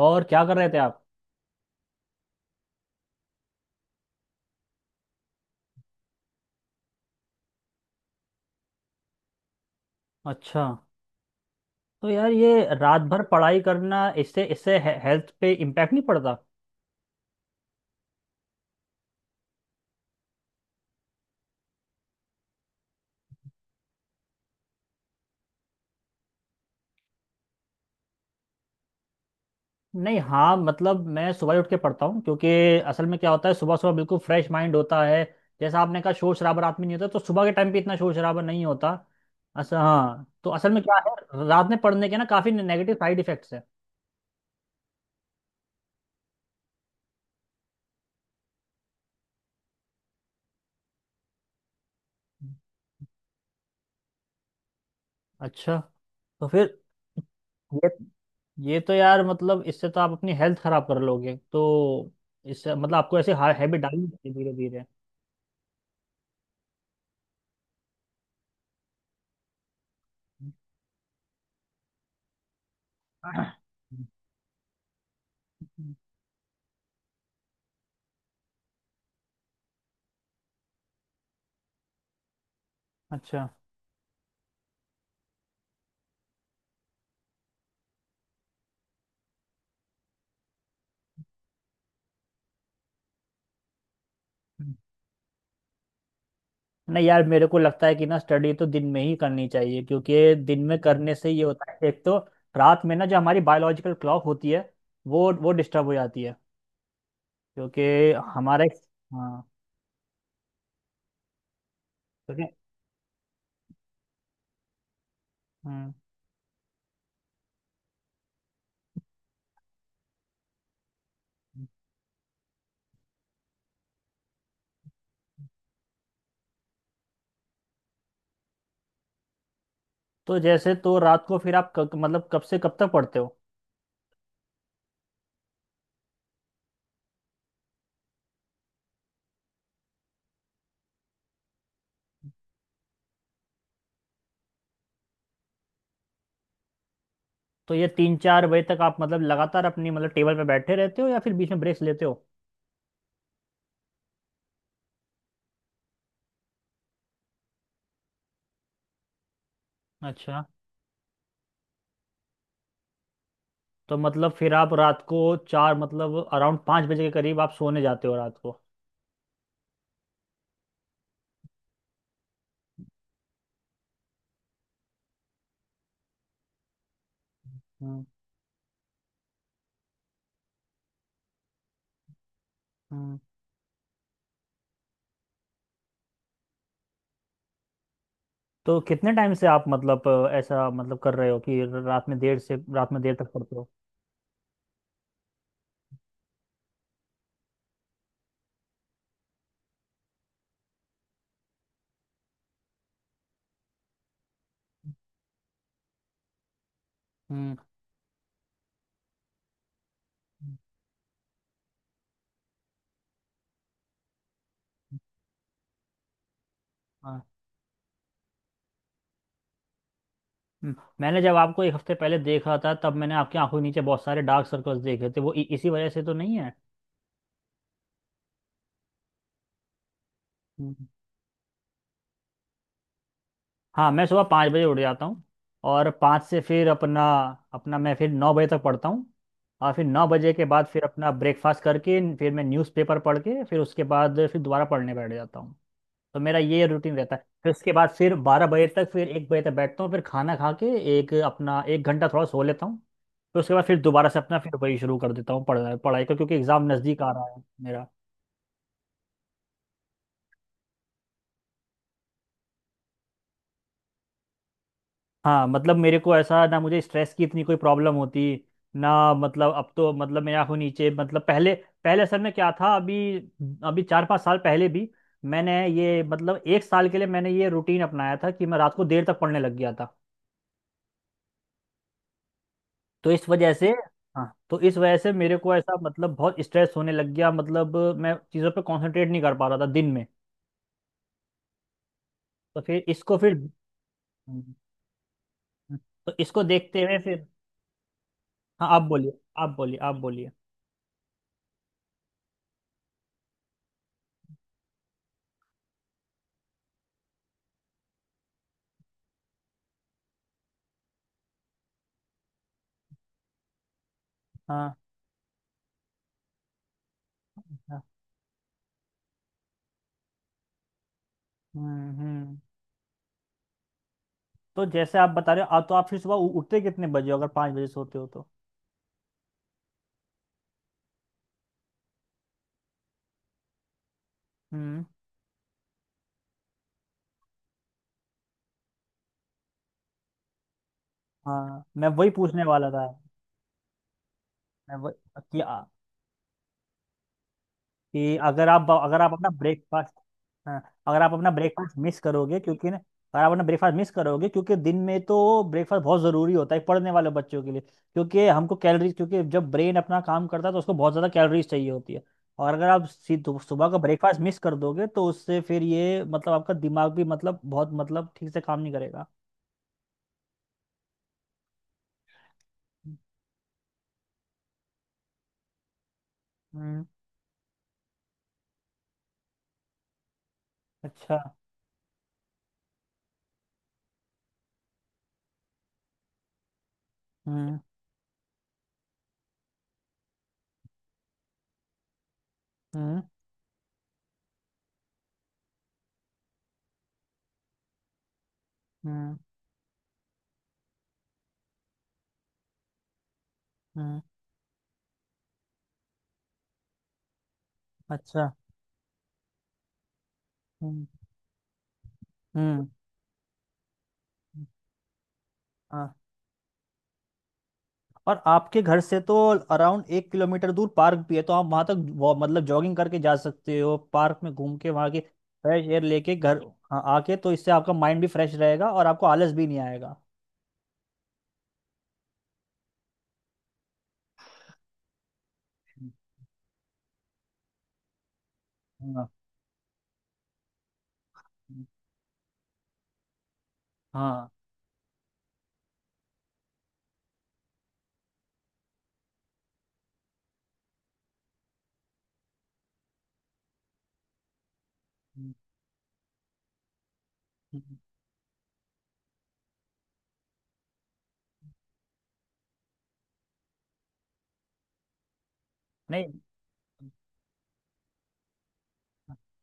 और क्या कर रहे थे आप? अच्छा। तो यार ये रात भर पढ़ाई करना, इससे इससे हे, हेल्थ पे इम्पैक्ट नहीं पड़ता? नहीं, हाँ, मतलब मैं सुबह ही उठ के पढ़ता हूँ, क्योंकि असल में क्या होता है, सुबह सुबह बिल्कुल फ्रेश माइंड होता है। जैसा आपने कहा, शोर शराबा रात में नहीं होता, तो सुबह के टाइम पे इतना शोर शराबा नहीं होता। अच्छा, हाँ, तो असल में क्या है, रात में पढ़ने के ना काफ़ी नेगेटिव साइड इफेक्ट्स हैं। अच्छा। तो फिर ये ये तो यार मतलब, इससे तो आप अपनी हेल्थ खराब कर लोगे, तो इससे मतलब आपको ऐसे हैबिट डालनी चाहिए धीरे धीरे। अच्छा। नहीं यार, मेरे को लगता है कि ना, स्टडी तो दिन में ही करनी चाहिए, क्योंकि दिन में करने से ये होता है, एक तो रात में ना जो हमारी बायोलॉजिकल क्लॉक होती है, वो डिस्टर्ब हो जाती है, क्योंकि हमारा हाँ, क्योंकि हम्म, तो जैसे तो रात को फिर आप मतलब कब से कब तक पढ़ते हो? तो ये 3-4 बजे तक आप मतलब लगातार अपनी मतलब टेबल पे बैठे रहते हो, या फिर बीच में ब्रेक्स लेते हो? अच्छा। तो मतलब फिर आप रात को चार, मतलब अराउंड 5 बजे के करीब आप सोने जाते हो रात को? हम्म, तो कितने टाइम से आप मतलब ऐसा मतलब कर रहे हो कि रात में देर तक पढ़ते हो? हम्म, हम्म, हाँ, हम्म। मैंने जब आपको एक हफ्ते पहले देखा था, तब मैंने आपकी आंखों के नीचे बहुत सारे डार्क सर्कल्स देखे थे, वो इसी वजह से तो नहीं है? हाँ, मैं सुबह 5 बजे उठ जाता हूँ। और पाँच से फिर अपना अपना मैं फिर 9 बजे तक पढ़ता हूँ। और फिर 9 बजे के बाद फिर अपना ब्रेकफास्ट करके फिर मैं न्यूज़पेपर पढ़ के फिर उसके बाद फिर दोबारा पढ़ने बैठ जाता हूँ। तो मेरा ये रूटीन रहता है। फिर उसके बाद फिर 12 बजे तक, फिर 1 बजे तक बैठता हूँ, फिर खाना खा के एक अपना एक घंटा थोड़ा सो लेता हूँ। फिर उसके बाद फिर दोबारा से अपना फिर वही शुरू कर देता हूँ पढ़ाई, पढ़ाई को, क्योंकि एग्ज़ाम नज़दीक आ रहा है मेरा। हाँ मतलब मेरे को ऐसा ना, मुझे स्ट्रेस की इतनी कोई प्रॉब्लम होती ना। मतलब अब तो मतलब मैं आँखों नीचे मतलब पहले, पहले असल में क्या था। अभी, अभी 4-5 साल पहले भी मैंने ये मतलब एक साल के लिए मैंने ये रूटीन अपनाया था कि मैं रात को देर तक पढ़ने लग गया था। तो इस वजह से हाँ, तो इस वजह से मेरे को ऐसा मतलब बहुत स्ट्रेस होने लग गया, मतलब मैं चीज़ों पे कंसंट्रेट नहीं कर पा रहा था दिन में। तो फिर इसको फिर तो इसको देखते हुए फिर, हाँ, आप बोलिए, आप बोलिए, आप बोलिए। हाँ, हाँ, हाँ, हम्म, हम्म। तो जैसे आप बता रहे हो, आप फिर सुबह उठते कितने बजे हो अगर 5 बजे सोते हो तो? हम्म। हाँ मैं वही पूछने वाला था। मैं वही कि, आ, कि अगर आप अपना ब्रेकफास्ट, हाँ, अगर आप अपना ब्रेकफास्ट मिस करोगे क्योंकि ना अगर आप अपना ब्रेकफास्ट मिस करोगे, क्योंकि दिन में तो ब्रेकफास्ट बहुत ज़रूरी होता है पढ़ने वाले बच्चों के लिए, क्योंकि हमको कैलोरीज, क्योंकि जब ब्रेन अपना काम करता है तो उसको बहुत ज़्यादा कैलोरीज चाहिए होती है। और अगर आप सुबह का ब्रेकफास्ट मिस कर दोगे, तो उससे फिर ये मतलब आपका दिमाग भी मतलब बहुत मतलब ठीक से काम नहीं करेगा। हम्म। अच्छा। हम्म, हम्म, हम्म, हम्म। अच्छा। हम्म, हम्म, हाँ। और आपके घर से तो अराउंड 1 किलोमीटर दूर पार्क भी है, तो आप वहां तक मतलब जॉगिंग करके जा सकते हो, पार्क में घूम के वहां के फ्रेश एयर लेके घर, हाँ, आके। तो इससे आपका माइंड भी फ्रेश रहेगा और आपको आलस भी नहीं आएगा। हम्म, हाँ, हम्म, हाँ, हम्म, हम्म। नहीं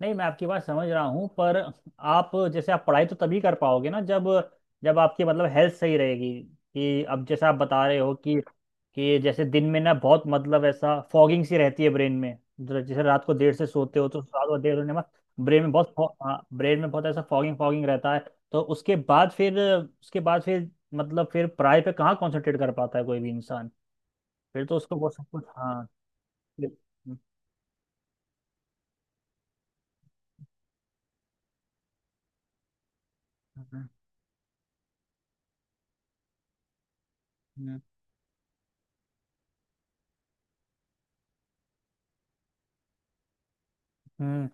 नहीं, मैं आपकी बात समझ रहा हूँ, पर आप जैसे आप पढ़ाई तो तभी कर पाओगे ना, जब जब आपकी मतलब हेल्थ सही रहेगी। कि अब जैसे आप बता रहे हो कि जैसे दिन में ना बहुत मतलब ऐसा फॉगिंग सी रहती है ब्रेन में, जैसे रात को देर से सोते हो, तो रात को देर होने के बाद ब्रेन में बहुत ब्रेन में बहुत ऐसा फॉगिंग फॉगिंग रहता है। तो उसके बाद फिर मतलब फिर पढ़ाई पे कहाँ कंसंट्रेट कर पाता है कोई भी इंसान। फिर तो उसको वो सब कुछ, हाँ। हम्म, हम्म, हम्म, हम्म,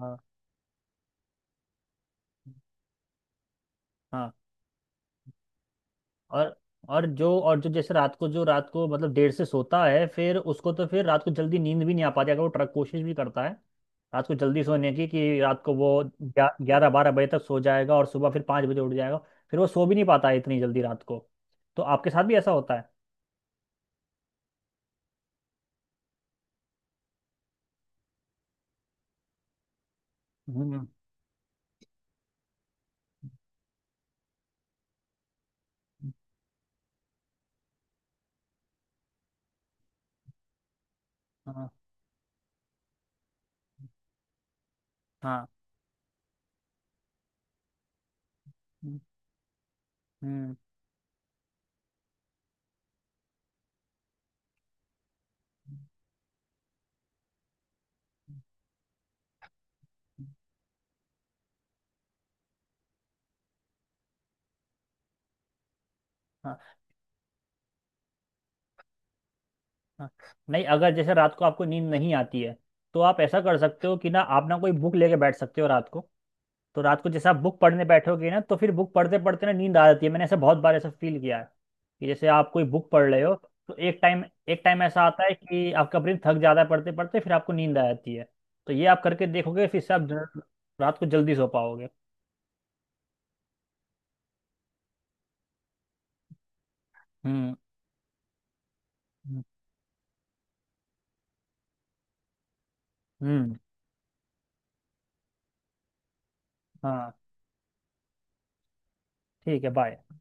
हाँ, हाँ। और और जो जैसे रात को जो रात को मतलब देर से सोता है, फिर उसको तो फिर रात को जल्दी नींद भी नहीं आ पाती, अगर वो ट्रक कोशिश भी करता है रात को जल्दी सोने की। कि रात को वो 11-12 बजे तक सो जाएगा और सुबह फिर 5 बजे उठ जाएगा, फिर वो सो भी नहीं पाता है इतनी जल्दी रात को। तो आपके साथ भी ऐसा होता है? हम्म, हाँ, हाँ, हम्म, हाँ। नहीं, अगर जैसे रात को आपको नींद नहीं आती है, तो आप ऐसा कर सकते हो कि ना, आप ना कोई बुक लेके बैठ सकते हो रात को। तो रात को जैसे आप बुक पढ़ने बैठोगे ना, तो फिर बुक पढ़ते पढ़ते ना नींद आ जाती है। मैंने ऐसा बहुत बार ऐसा फील किया है कि जैसे आप कोई बुक पढ़ रहे हो, तो एक टाइम ऐसा आता है कि आपका ब्रेन थक जाता है पढ़ते पढ़ते, फिर आपको नींद आ जाती है। तो ये आप करके देखोगे, फिर से आप रात को जल्दी सो पाओगे। हम्म, हम्म, हम्म, हाँ। ठीक है। बाय।